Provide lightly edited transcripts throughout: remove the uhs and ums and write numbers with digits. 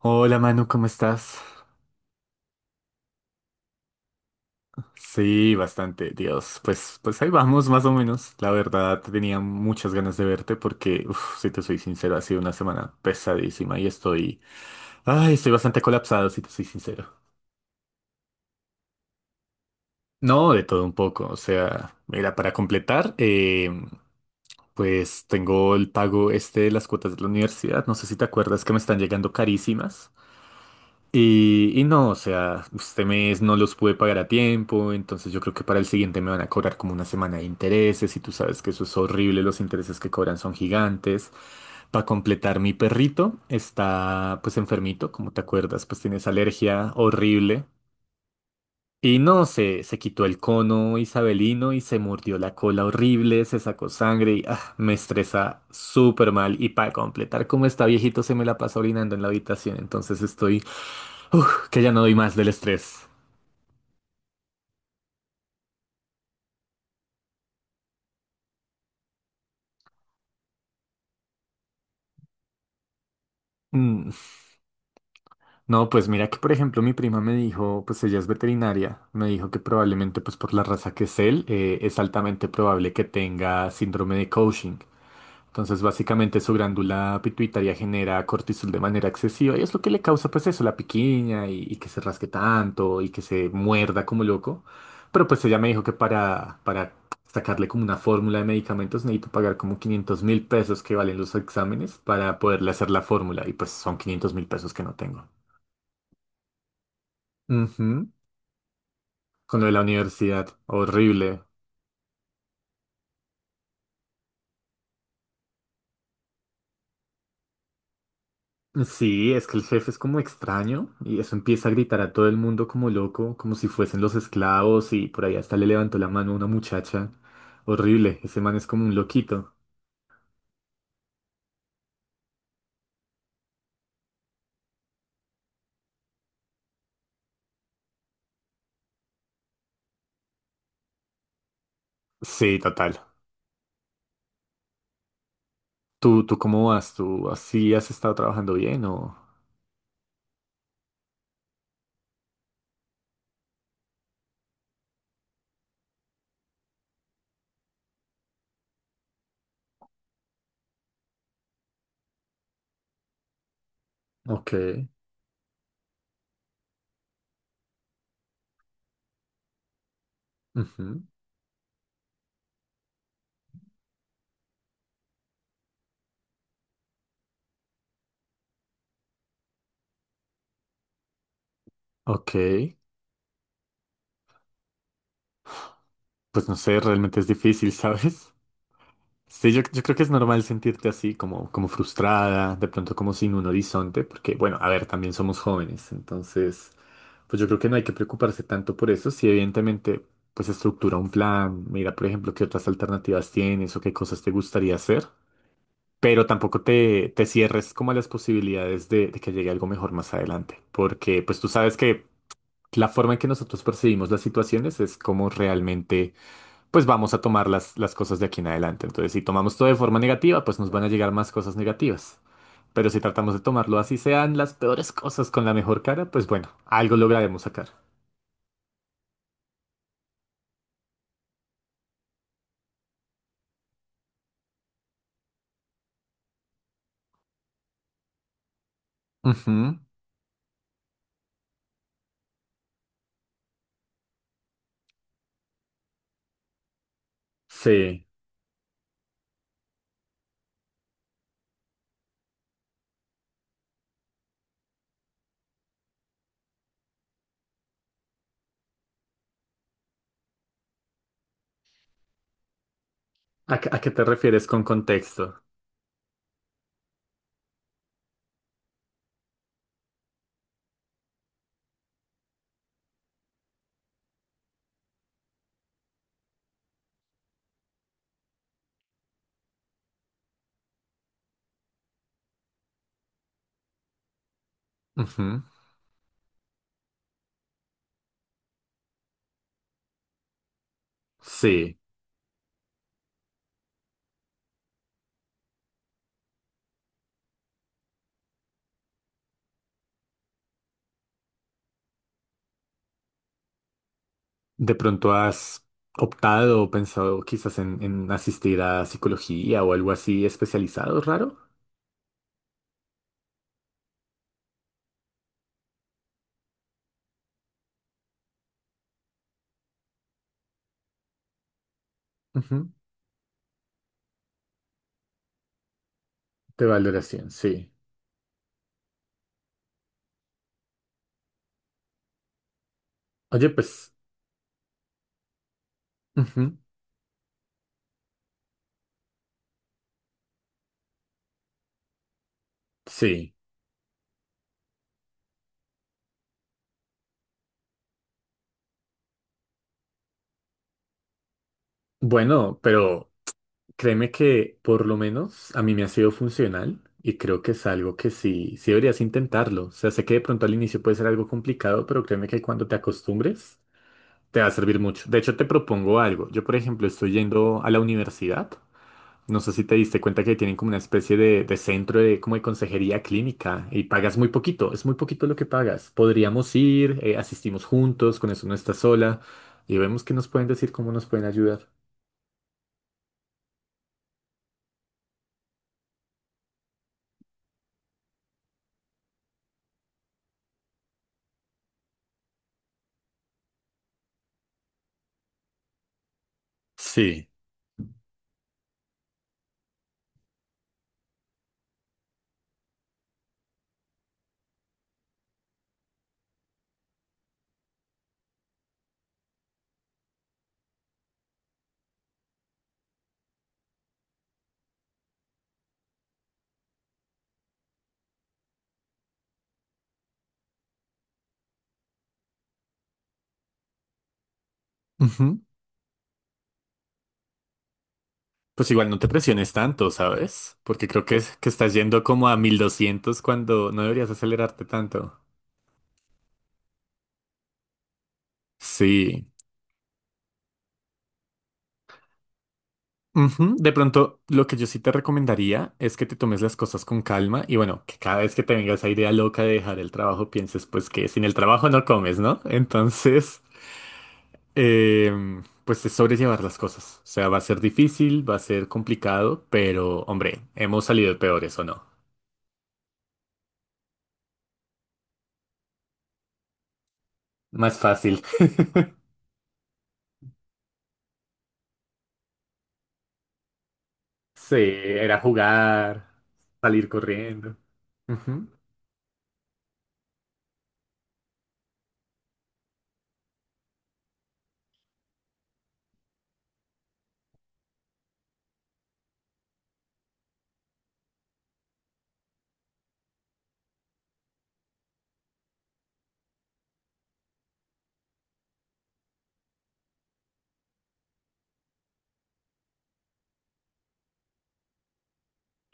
Hola Manu, ¿cómo estás? Sí, bastante, Dios. Pues ahí vamos, más o menos. La verdad, tenía muchas ganas de verte porque, uf, si te soy sincero, ha sido una semana pesadísima y estoy bastante colapsado, si te soy sincero. No, de todo un poco. O sea, mira, para completar, pues tengo el pago este de las cuotas de la universidad. No sé si te acuerdas que me están llegando carísimas. Y no, o sea, este mes no los pude pagar a tiempo, entonces yo creo que para el siguiente me van a cobrar como una semana de intereses y tú sabes que eso es horrible, los intereses que cobran son gigantes. Para completar, mi perrito está pues enfermito, como te acuerdas, pues tiene esa alergia horrible. Y no, se quitó el cono isabelino y se mordió la cola horrible, se sacó sangre y ah, me estresa súper mal. Y para completar, como está viejito, se me la pasa orinando en la habitación, entonces estoy. Uf, que ya no doy más del estrés. Mm. No, pues mira que por ejemplo mi prima me dijo, pues ella es veterinaria, me dijo que probablemente pues por la raza que es él, es altamente probable que tenga síndrome de Cushing. Entonces, básicamente su glándula pituitaria genera cortisol de manera excesiva y es lo que le causa, pues eso, la piquiña y que se rasque tanto y que se muerda como loco. Pero pues ella me dijo que para sacarle como una fórmula de medicamentos necesito pagar como 500.000 pesos que valen los exámenes para poderle hacer la fórmula y pues son 500.000 pesos que no tengo. Ujú. Con lo de la universidad, horrible. Sí, es que el jefe es como extraño y eso empieza a gritar a todo el mundo como loco, como si fuesen los esclavos y por ahí hasta le levantó la mano a una muchacha. Horrible, ese man es como un loquito. Sí, total. ¿Tú cómo vas? ¿Tú así has estado trabajando bien o...? Ok. Ujú. Ok. Pues no sé, realmente es difícil, ¿sabes? Sí, yo creo que es normal sentirte así, como, como frustrada, de pronto como sin un horizonte, porque, bueno, a ver, también somos jóvenes, entonces, pues yo creo que no hay que preocuparse tanto por eso, si evidentemente, pues estructura un plan, mira, por ejemplo, qué otras alternativas tienes o qué cosas te gustaría hacer, pero tampoco te cierres como a las posibilidades de que llegue algo mejor más adelante, porque pues tú sabes que la forma en que nosotros percibimos las situaciones es como realmente pues vamos a tomar las cosas de aquí en adelante. Entonces, si tomamos todo de forma negativa, pues nos van a llegar más cosas negativas. Pero si tratamos de tomarlo así sean las peores cosas con la mejor cara, pues bueno, algo lograremos sacar. Ujú. Sí. A qué te refieres con contexto? Ujú. Sí. ¿De pronto has optado o pensado quizás en asistir a psicología o algo así especializado, raro? Ujú. De valoración, sí. Oye, pues, ujú. Sí. Bueno, pero... Créeme que por lo menos a mí me ha sido funcional y creo que es algo que sí, sí deberías intentarlo. O sea, sé que de pronto al inicio puede ser algo complicado, pero créeme que cuando te acostumbres te va a servir mucho. De hecho, te propongo algo. Yo, por ejemplo, estoy yendo a la universidad. No sé si te diste cuenta que tienen como una especie de centro de, como de consejería clínica y pagas muy poquito, es muy poquito lo que pagas. Podríamos ir, asistimos juntos, con eso no estás sola y vemos qué nos pueden decir, cómo nos pueden ayudar. Sí. Pues igual no te presiones tanto, ¿sabes? Porque creo que, es- que estás yendo como a 1.200 cuando no deberías acelerarte tanto. Sí. Ujú. De pronto, lo que yo sí te recomendaría es que te tomes las cosas con calma y bueno, que cada vez que te venga esa idea loca de dejar el trabajo, pienses pues que sin el trabajo no comes, ¿no? Entonces, pues es sobrellevar las cosas. O sea, va a ser difícil, va a ser complicado, pero hombre, hemos salido peores, ¿o no? Más fácil. Sí, era jugar, salir corriendo. Ujú.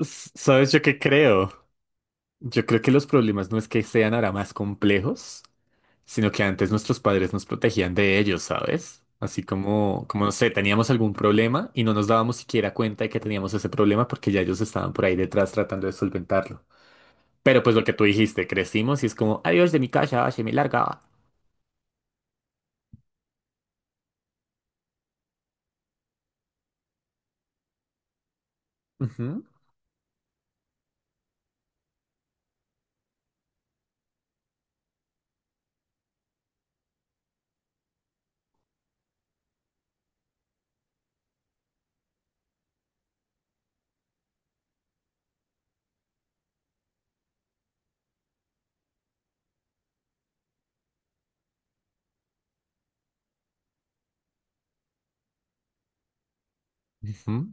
S- ¿Sabes yo qué creo? Yo creo que los problemas no es que sean ahora más complejos, sino que antes nuestros padres nos protegían de ellos, ¿sabes? Así como, como no sé, teníamos algún problema y no nos dábamos siquiera cuenta de que teníamos ese problema porque ya ellos estaban por ahí detrás tratando de solventarlo. Pero pues lo que tú dijiste, crecimos y es como, adiós de mi casa, se me larga. Ujú, ujú.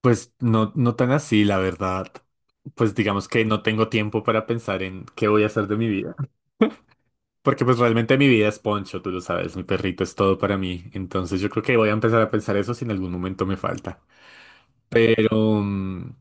Pues no, no tan así, la verdad. Pues digamos que no tengo tiempo para pensar en qué voy a hacer de mi vida. Porque pues realmente mi vida es Poncho, tú lo sabes, mi perrito es todo para mí. Entonces yo creo que voy a empezar a pensar eso si en algún momento me falta. Pero, mm,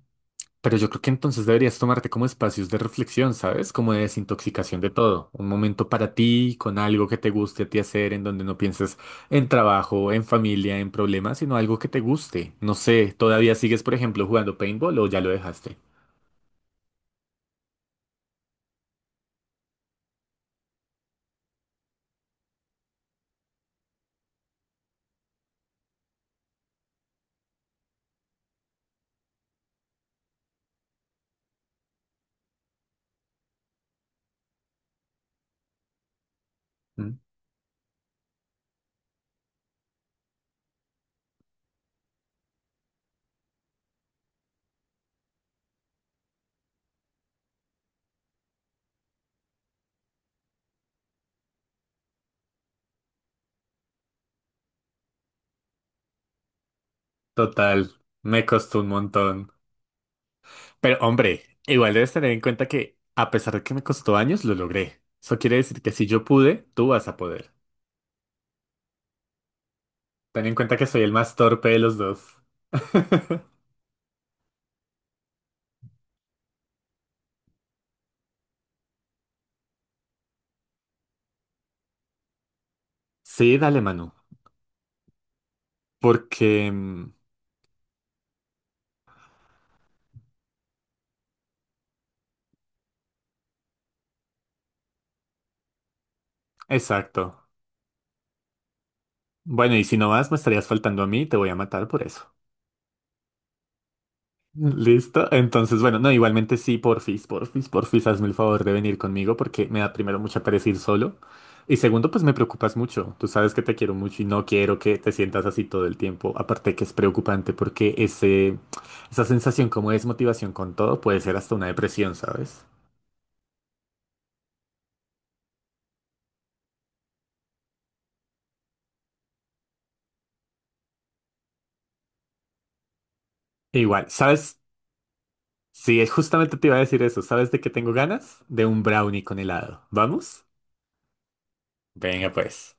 pero yo creo que entonces deberías tomarte como espacios de reflexión, ¿sabes? Como de desintoxicación de todo. Un momento para ti, con algo que te guste a ti hacer, en donde no pienses en trabajo, en familia, en problemas, sino algo que te guste. No sé, ¿todavía sigues, por ejemplo, jugando paintball o ya lo dejaste? Mm. Total, me costó un montón. Pero hombre, igual debes tener en cuenta que a pesar de que me costó años, lo logré. Eso quiere decir que si yo pude, tú vas a poder. Ten en cuenta que soy el más torpe de los dos. Sí, dale, Manu. Porque... mm, Exacto. Bueno, y si no vas, me estarías faltando a mí, te voy a matar por eso. ¿Listo? Entonces, bueno, no, igualmente sí, porfis, porfis, porfis, hazme el favor de venir conmigo porque me da primero mucha pereza ir solo. Y segundo, pues me preocupas mucho. Tú sabes que te quiero mucho y no quiero que te sientas así todo el tiempo. Aparte que es preocupante porque esa sensación como de desmotivación con todo puede ser hasta una depresión, ¿sabes? E igual, ¿sabes? Sí, justamente te iba a decir eso. ¿Sabes de qué tengo ganas? De un brownie con helado. ¿Vamos? Venga, pues.